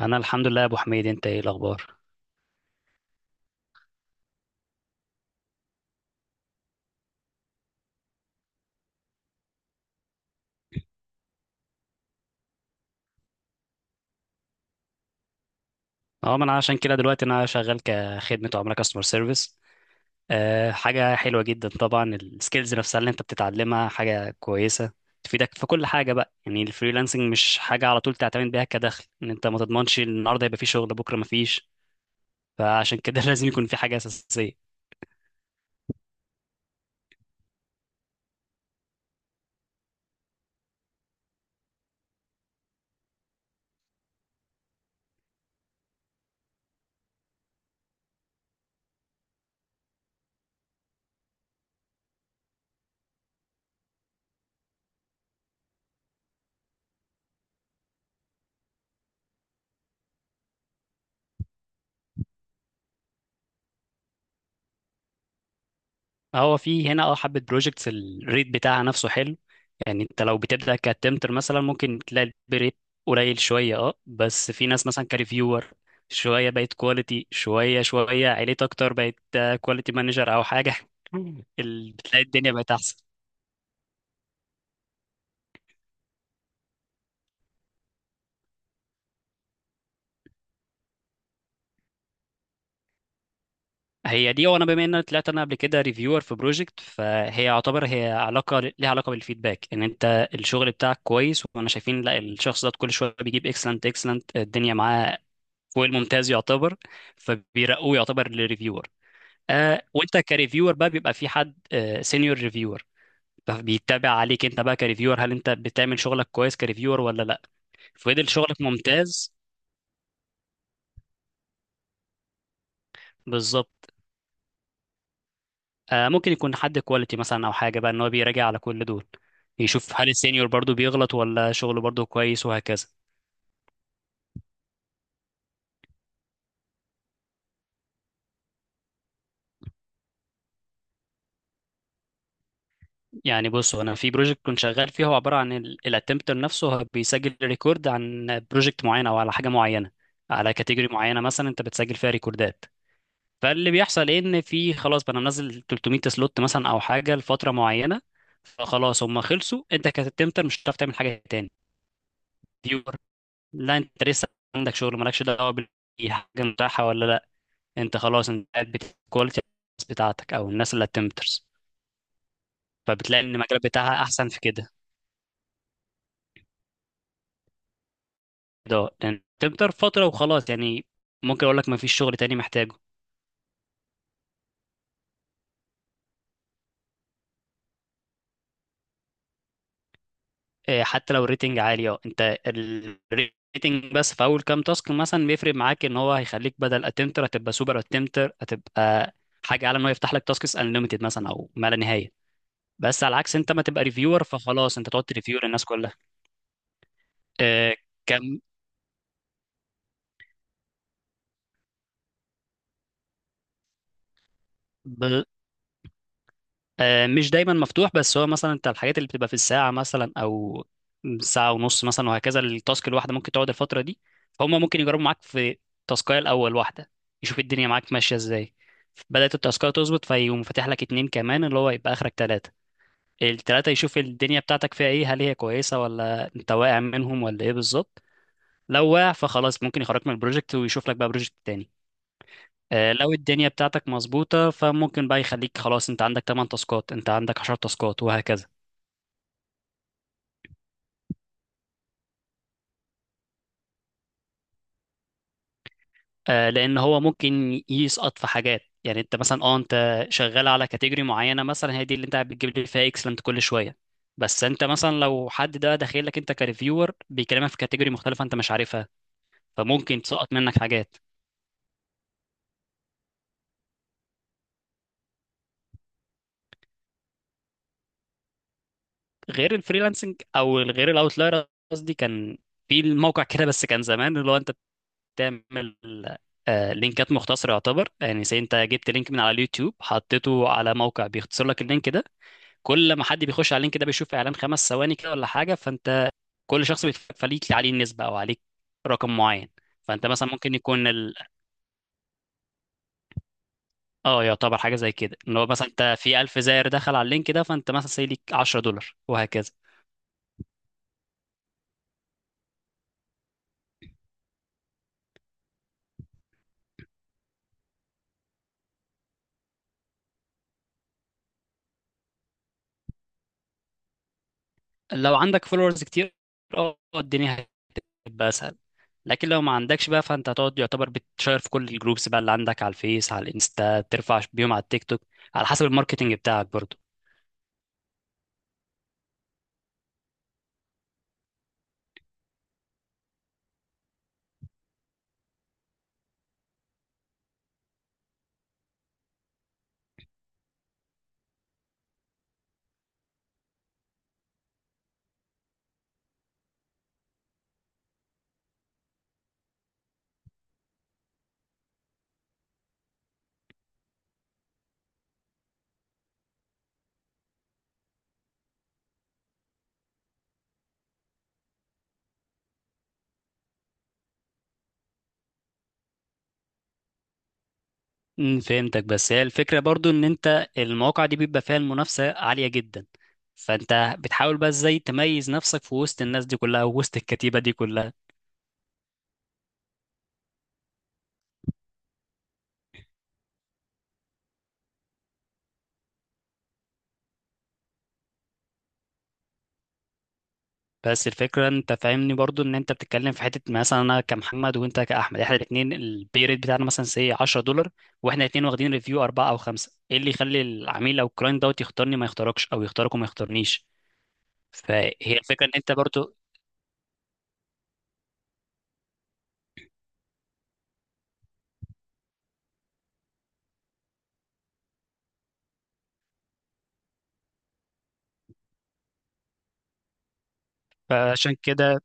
انا الحمد لله يا ابو حميد، انت ايه الاخبار؟ اه ما انا عشان كده دلوقتي انا شغال كخدمه عملاء كاستمر سيرفيس. حاجه حلوه جدا طبعا، السكيلز نفسها اللي انت بتتعلمها حاجه كويسه تفيدك في كل حاجه بقى. يعني الفريلانسنج مش حاجه على طول تعتمد بيها كدخل، ان انت ما تضمنش النهارده يبقى في شغل بكره ما فيش. فعشان كده لازم يكون في حاجه اساسيه. هو في هنا اه حبة بروجكتس الريت بتاعها نفسه حلو. يعني انت لو بتبدأ كتمتر مثلا ممكن تلاقي الريت قليل شوية، اه بس في ناس مثلا كريفيور شوية بقت كواليتي، شوية شوية عليت أكتر بقت كواليتي مانجر أو حاجة. بتلاقي الدنيا بقت أحسن. هي دي. وأنا بما إن أنا طلعت أنا قبل كده ريفيور في بروجكت، فهي يعتبر هي علاقة، ليها علاقة بالفيدباك إن أنت الشغل بتاعك كويس، وأنا شايفين لا الشخص ده كل شوية بيجيب اكسلنت اكسلنت، الدنيا معاه فوق الممتاز يعتبر، فبيرقوه يعتبر للريفيور. وانت كريفيور بقى بيبقى في حد سينيور ريفيور فبيتابع عليك انت بقى كريفيور، هل انت بتعمل شغلك كويس كريفيور ولا لا. فضل شغلك ممتاز. بالظبط. آه ممكن يكون حد كواليتي مثلا او حاجه بقى ان هو بيراجع على كل دول، يشوف هل السينيور برضو بيغلط ولا شغله برضو كويس، وهكذا. يعني بص، هو انا في بروجكت كنت شغال فيه هو عباره عن الاتمبتر نفسه، هو بيسجل ريكورد عن بروجكت معين او على حاجه معينه، على كاتيجوري معينه مثلا انت بتسجل فيها ريكوردات. فاللي بيحصل ايه، ان في خلاص بقى انا منزل 300 سلوت مثلا او حاجه لفتره معينه، فخلاص هم خلصوا، انت كاتمتر مش هتعرف تعمل حاجه تاني. فيور لا انت لسه عندك شغل، مالكش دعوه حاجه متاحه ولا لا، انت خلاص انت قاعد بتكواليتي بتاعتك او الناس اللي اتمترز. فبتلاقي ان المجال بتاعها احسن في كده، ده لان تكتر فتره وخلاص يعني، ممكن اقول لك ما فيش شغل تاني محتاجه. إيه، حتى لو الريتنج عالي اه، انت الريتنج بس في اول كام تاسك مثلا بيفرق معاك، ان هو هيخليك بدل اتمتر هتبقى سوبر اتمتر، هتبقى حاجه اعلى، ان هو يفتح لك تاسكس انليمتد مثلا او ما لا نهايه. بس على عكس انت ما تبقى ريفيور فخلاص انت تقعد تريفيو للناس كلها. إيه، كم؟ آه، مش دايما مفتوح، بس هو مثلا انت الحاجات اللي بتبقى في الساعة مثلا او ساعة ونص مثلا وهكذا، التاسك الواحدة ممكن تقعد الفترة دي. فهم ممكن يجربوا معاك في تاسكاية الأول واحدة، يشوف الدنيا معاك ماشية ازاي. بدأت التاسكاية تظبط فيقوم فاتح لك اتنين كمان، اللي هو يبقى آخرك تلاتة. التلاتة يشوف الدنيا بتاعتك فيها ايه، هل هي كويسة ولا انت واقع منهم ولا ايه بالظبط. لو واقع فخلاص ممكن يخرجك من البروجكت ويشوف لك بقى بروجكت تاني. آه، لو الدنيا بتاعتك مظبوطة فممكن بقى يخليك خلاص انت عندك 8 تاسكات، انت عندك 10 تاسكات وهكذا. آه، لان هو ممكن يسقط في حاجات، يعني انت مثلا اه انت شغال على كاتيجوري معينة مثلا، هي دي اللي انت بتجيب لي فيها اكسلنت كل شوية. بس انت مثلا لو حد ده داخل لك انت كريفيور بيكلمك في كاتيجوري مختلفة انت مش عارفها، فممكن تسقط منك حاجات. غير الفريلانسنج او غير الاوتلاير؟ قصدي كان في الموقع كده بس كان زمان اللي هو انت تعمل لينكات مختصرة يعتبر، يعني زي انت جبت لينك من على اليوتيوب حطيته على موقع بيختصر لك اللينك ده، كل ما حد بيخش على اللينك ده بيشوف اعلان خمس ثواني كده ولا حاجة، فانت كل شخص بيتفق فليك عليه نسبة، او عليك رقم معين. فانت مثلا ممكن يكون ال... اه يعتبر حاجة زي كده، ان هو مثلا انت في 1000 زائر دخل على اللينك ده، فانت مثلا سي ليك $10 وهكذا. لو عندك فولورز كتير اه الدنيا يبقى اسهل. لكن لو ما عندكش بقى فانت هتقعد يعتبر بتشير في كل الجروبس بقى اللي عندك، على الفيس على الانستا، ترفع بيهم على التيك توك، على حسب الماركتنج بتاعك برضو. فهمتك. بس هي الفكرة برضو، ان انت المواقع دي بيبقى فيها المنافسة عالية جدا، فانت بتحاول بقى ازاي تميز نفسك في وسط الناس دي كلها ووسط الكتيبة دي كلها. بس الفكرة انت فاهمني برضو، ان انت بتتكلم في حتة مثلا انا كمحمد وانت كأحمد، احنا الاثنين البي ريت بتاعنا مثلا سي $10، واحنا الاثنين واخدين ريفيو أربعة او خمسة، ايه اللي يخلي العميل او الكلاينت دوت يختارني ما يختاركش او يختارك وما يختارنيش؟ فهي الفكرة ان انت برضو. فعشان كده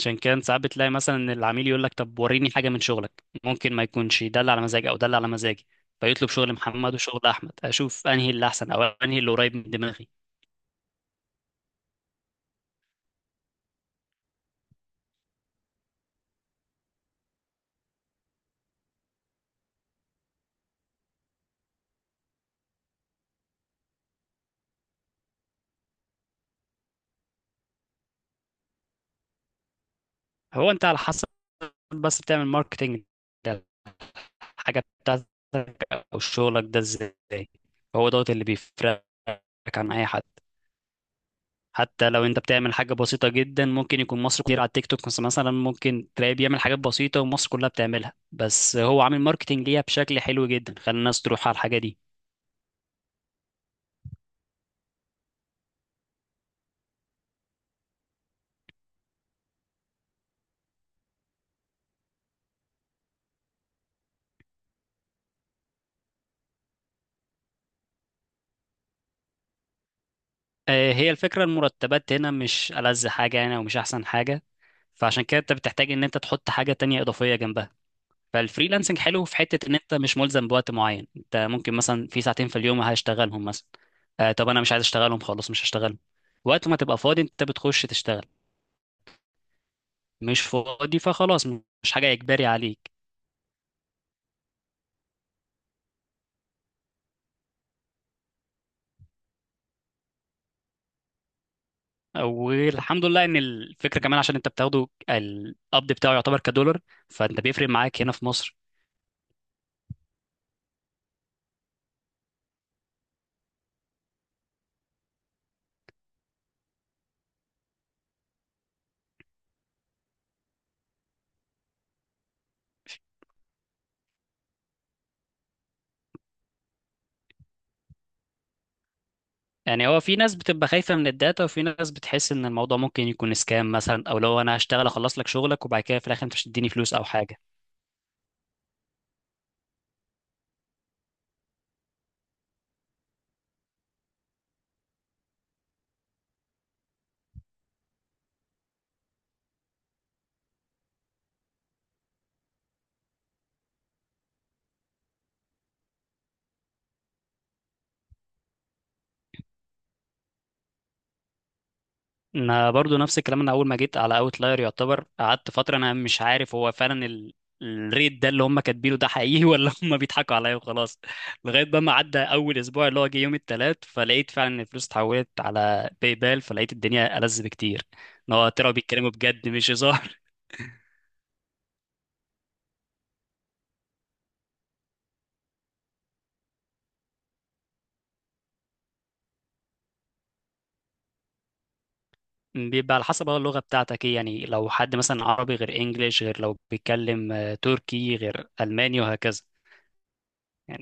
عشان كده انت ساعات بتلاقي مثلا ان العميل يقول لك طب وريني حاجة من شغلك، ممكن ما يكونش ده اللي على مزاجي او ده اللي على مزاجي، فيطلب شغل محمد وشغل احمد، اشوف انهي اللي احسن او انهي اللي قريب من دماغي. هو انت على حسب بس بتعمل ماركتنج حاجة بتاعتك أو شغلك ده إزاي، هو دوت اللي بيفرقك عن أي حد. حتى لو أنت بتعمل حاجة بسيطة جدا ممكن يكون مصر كتير على التيك توك بس مثلا ممكن تلاقيه بيعمل حاجات بسيطة ومصر كلها بتعملها، بس هو عامل ماركتينج ليها بشكل حلو جدا خلى الناس تروح على الحاجة دي. آه، هي الفكرة المرتبات هنا مش ألذ حاجة يعني، ومش أحسن حاجة، فعشان كده أنت بتحتاج إن أنت تحط حاجة تانية إضافية جنبها. فالفريلانسنج حلو في حته ان انت مش ملزم بوقت معين، انت ممكن مثلا في ساعتين في اليوم هشتغلهم مثلا. آه طب انا مش عايز اشتغلهم، خلاص مش هشتغلهم. وقت ما تبقى فاضي انت بتخش تشتغل، مش فاضي فخلاص مش حاجه اجباري عليك. والحمد لله ان الفكره كمان، عشان انت بتاخده القبض بتاعه يعتبر كدولار، فانت بيفرق معاك هنا في مصر. يعني هو في ناس بتبقى خايفه من الداتا، وفي ناس بتحس ان الموضوع ممكن يكون سكام مثلا، او لو انا هشتغل اخلص لك شغلك وبعد كده في الاخر انت مش تديني فلوس او حاجه. انا برضو نفس الكلام، انا اول ما جيت على اوتلاير يعتبر قعدت فتره انا مش عارف هو فعلا ال... الريت ده اللي هم كاتبينه ده حقيقي، ولا هم بيضحكوا عليا وخلاص. لغايه بقى ما عدى اول اسبوع اللي هو جه يوم الثلاث، فلقيت فعلا ان الفلوس اتحولت على باي بال، فلقيت الدنيا ألذ بكتير، ان هو طلعوا بيتكلموا بجد مش هزار. بيبقى على حسب بقى اللغه بتاعتك ايه، يعني لو حد مثلا عربي غير انجليش، غير لو بيتكلم تركي، غير الماني وهكذا يعني.